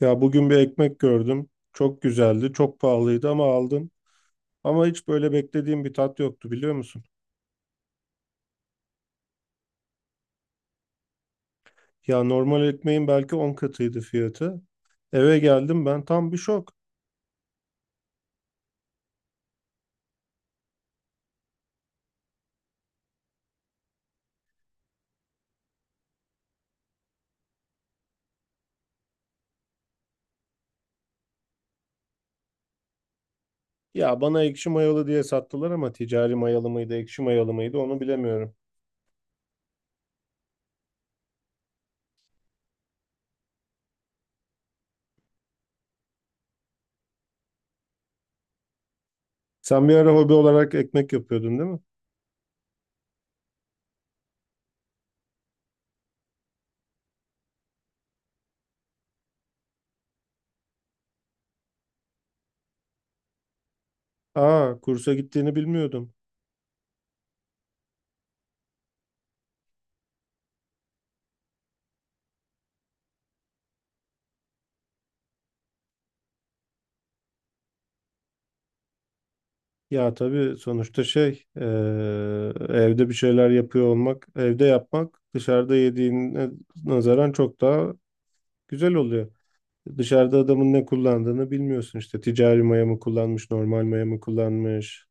Ya bugün bir ekmek gördüm. Çok güzeldi, çok pahalıydı ama aldım. Ama hiç böyle beklediğim bir tat yoktu biliyor musun? Ya normal ekmeğin belki 10 katıydı fiyatı. Eve geldim ben tam bir şok. Ya bana ekşi mayalı diye sattılar ama ticari mayalı mıydı, ekşi mayalı mıydı onu bilemiyorum. Sen bir ara hobi olarak ekmek yapıyordun değil mi? Aa, kursa gittiğini bilmiyordum. Ya tabii sonuçta şey, eee, evde bir şeyler yapıyor olmak, evde yapmak dışarıda yediğine nazaran çok daha güzel oluyor. Dışarıda adamın ne kullandığını bilmiyorsun işte. Ticari maya mı kullanmış, normal maya mı kullanmış.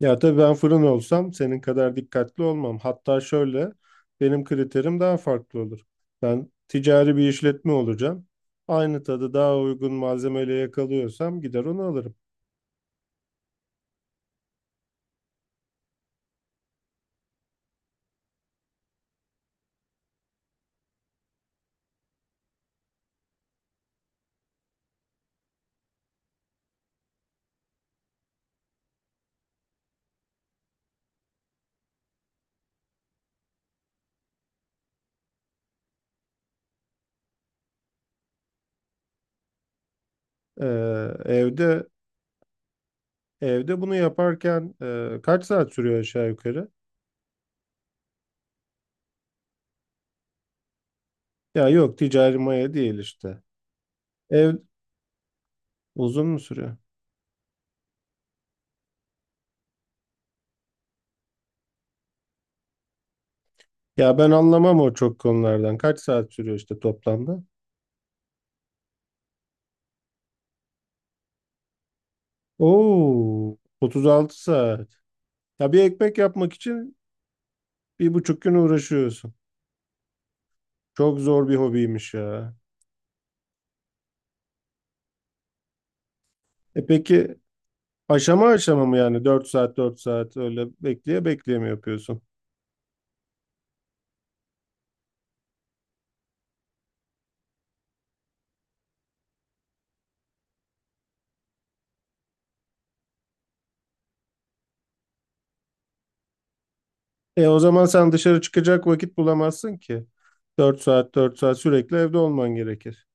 Ya tabii ben fırın olsam senin kadar dikkatli olmam. Hatta şöyle benim kriterim daha farklı olur. Ben ticari bir işletme olacağım. Aynı tadı daha uygun malzemeyle yakalıyorsam gider onu alırım. Ee, evde evde bunu yaparken kaç saat sürüyor aşağı yukarı? Ya yok ticari maya değil işte. Ev Uzun mu sürüyor? Ya ben anlamam o çok konulardan. Kaç saat sürüyor işte toplamda? Oo, 36 saat. Ya bir ekmek yapmak için 1,5 gün uğraşıyorsun. Çok zor bir hobiymiş ya. E peki aşama aşama mı yani 4 saat 4 saat öyle bekleye bekleye mi yapıyorsun? E o zaman sen dışarı çıkacak vakit bulamazsın ki. 4 saat 4 saat sürekli evde olman gerekir.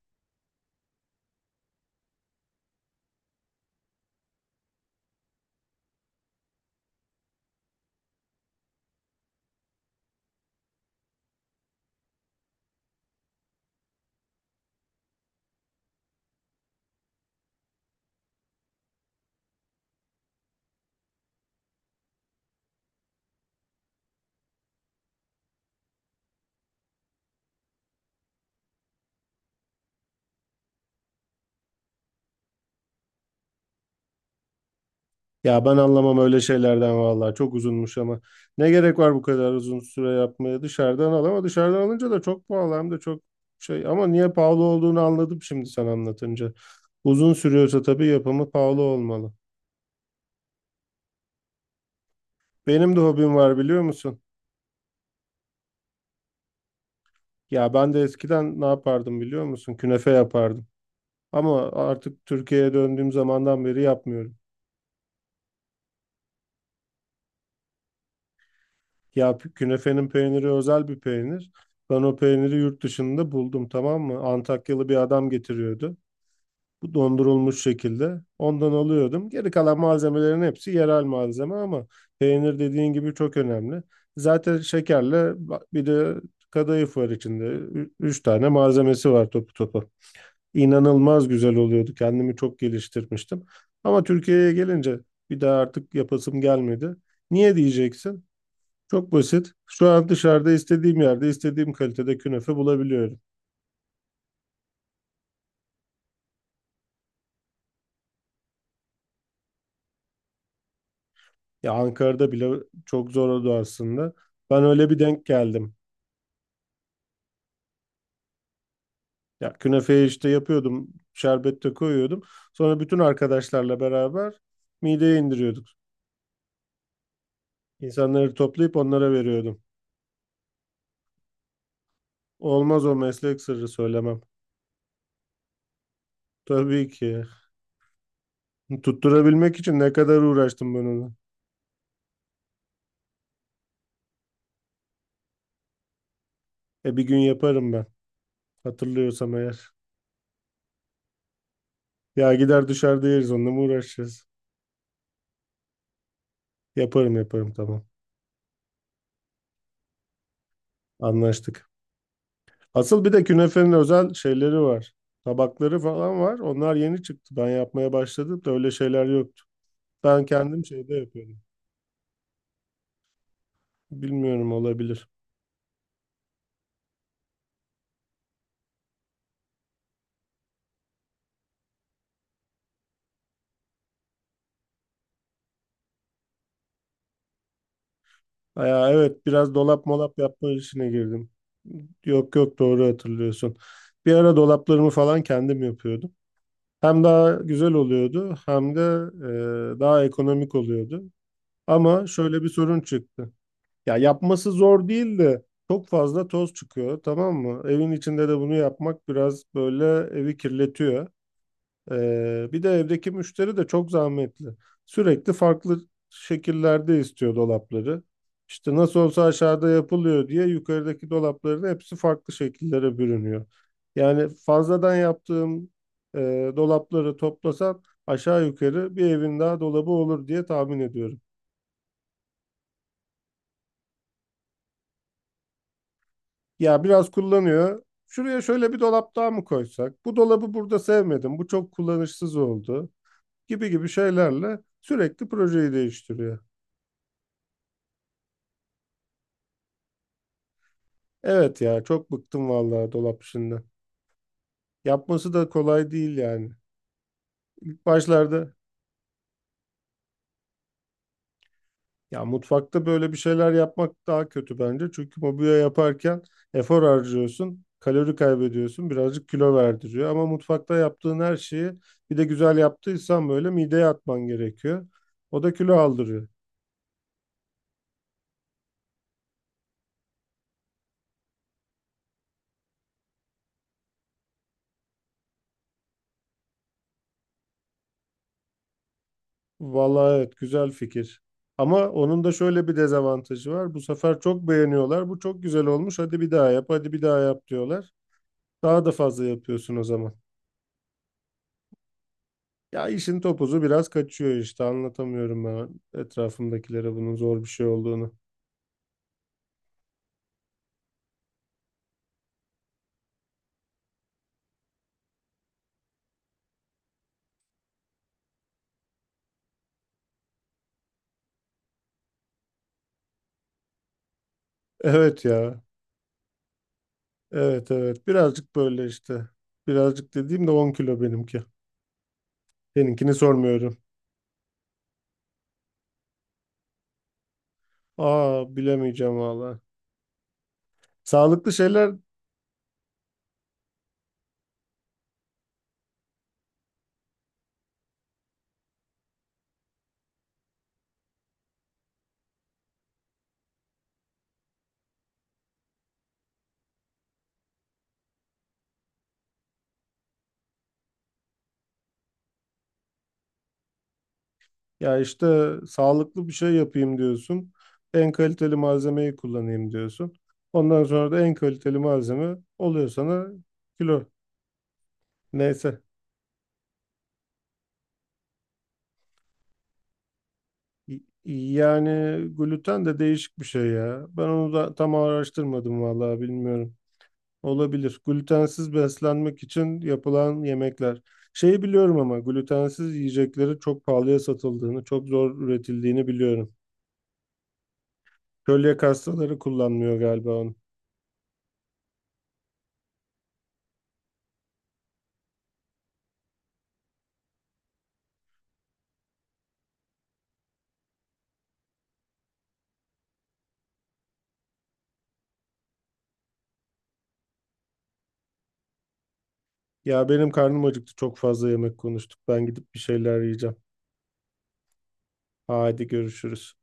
Ya ben anlamam öyle şeylerden vallahi çok uzunmuş ama ne gerek var bu kadar uzun süre yapmaya, dışarıdan al. Ama dışarıdan alınca da çok pahalı, hem de çok şey, ama niye pahalı olduğunu anladım şimdi sen anlatınca. Uzun sürüyorsa tabii yapımı pahalı olmalı. Benim de hobim var biliyor musun? Ya ben de eskiden ne yapardım biliyor musun? Künefe yapardım ama artık Türkiye'ye döndüğüm zamandan beri yapmıyorum. Ya künefenin peyniri özel bir peynir. Ben o peyniri yurt dışında buldum tamam mı? Antakyalı bir adam getiriyordu. Bu dondurulmuş şekilde ondan alıyordum. Geri kalan malzemelerin hepsi yerel malzeme ama peynir dediğin gibi çok önemli. Zaten şekerle bir de kadayıf var içinde. Üç tane malzemesi var topu topu. İnanılmaz güzel oluyordu. Kendimi çok geliştirmiştim. Ama Türkiye'ye gelince bir daha artık yapasım gelmedi. Niye diyeceksin? Çok basit. Şu an dışarıda istediğim yerde istediğim kalitede künefe bulabiliyorum. Ya Ankara'da bile çok zor oldu aslında. Ben öyle bir denk geldim. Ya künefeyi işte yapıyordum, şerbette koyuyordum. Sonra bütün arkadaşlarla beraber mideye indiriyorduk. İnsanları toplayıp onlara veriyordum. Olmaz, o meslek sırrı, söylemem. Tabii ki. Tutturabilmek için ne kadar uğraştım ben onu. E bir gün yaparım ben. Hatırlıyorsam eğer. Ya gider dışarıda yeriz, onunla mı uğraşacağız? Yaparım yaparım, tamam. Anlaştık. Asıl bir de künefenin özel şeyleri var. Tabakları falan var. Onlar yeni çıktı. Ben yapmaya başladım da öyle şeyler yoktu. Ben kendim şeyde yapıyordum. Bilmiyorum, olabilir. Ya evet, biraz dolap molap yapma işine girdim. Yok yok, doğru hatırlıyorsun. Bir ara dolaplarımı falan kendim yapıyordum. Hem daha güzel oluyordu hem de daha ekonomik oluyordu. Ama şöyle bir sorun çıktı. Ya yapması zor değil de çok fazla toz çıkıyor tamam mı? Evin içinde de bunu yapmak biraz böyle evi kirletiyor. Bir de evdeki müşteri de çok zahmetli. Sürekli farklı şekillerde istiyor dolapları. İşte nasıl olsa aşağıda yapılıyor diye yukarıdaki dolapların hepsi farklı şekillere bürünüyor. Yani fazladan yaptığım dolapları toplasan aşağı yukarı bir evin daha dolabı olur diye tahmin ediyorum. Ya biraz kullanıyor. Şuraya şöyle bir dolap daha mı koysak? Bu dolabı burada sevmedim. Bu çok kullanışsız oldu. Gibi gibi şeylerle sürekli projeyi değiştiriyor. Evet ya, çok bıktım vallahi dolap işinden. Yapması da kolay değil yani. İlk başlarda ya mutfakta böyle bir şeyler yapmak daha kötü bence. Çünkü mobilya yaparken efor harcıyorsun, kalori kaybediyorsun, birazcık kilo verdiriyor. Ama mutfakta yaptığın her şeyi bir de güzel yaptıysan böyle mideye atman gerekiyor. O da kilo aldırıyor. Vallahi evet, güzel fikir. Ama onun da şöyle bir dezavantajı var. Bu sefer çok beğeniyorlar. Bu çok güzel olmuş. Hadi bir daha yap, hadi bir daha yap diyorlar. Daha da fazla yapıyorsun o zaman. Ya işin topuzu biraz kaçıyor işte, anlatamıyorum ben etrafımdakilere bunun zor bir şey olduğunu. Evet ya. Evet evet. Birazcık böyle işte. Birazcık dediğim de 10 kilo benimki. Seninkini sormuyorum. Aa, bilemeyeceğim valla. Sağlıklı şeyler, ya işte sağlıklı bir şey yapayım diyorsun. En kaliteli malzemeyi kullanayım diyorsun. Ondan sonra da en kaliteli malzeme oluyor sana kilo. Neyse. Yani gluten de değişik bir şey ya. Ben onu da tam araştırmadım vallahi, bilmiyorum. Olabilir. Glutensiz beslenmek için yapılan yemekler. Şeyi biliyorum ama glutensiz yiyecekleri çok pahalıya satıldığını, çok zor üretildiğini biliyorum. Kölyak hastaları kullanmıyor galiba onu. Ya benim karnım acıktı, çok fazla yemek konuştuk. Ben gidip bir şeyler yiyeceğim. Hadi görüşürüz.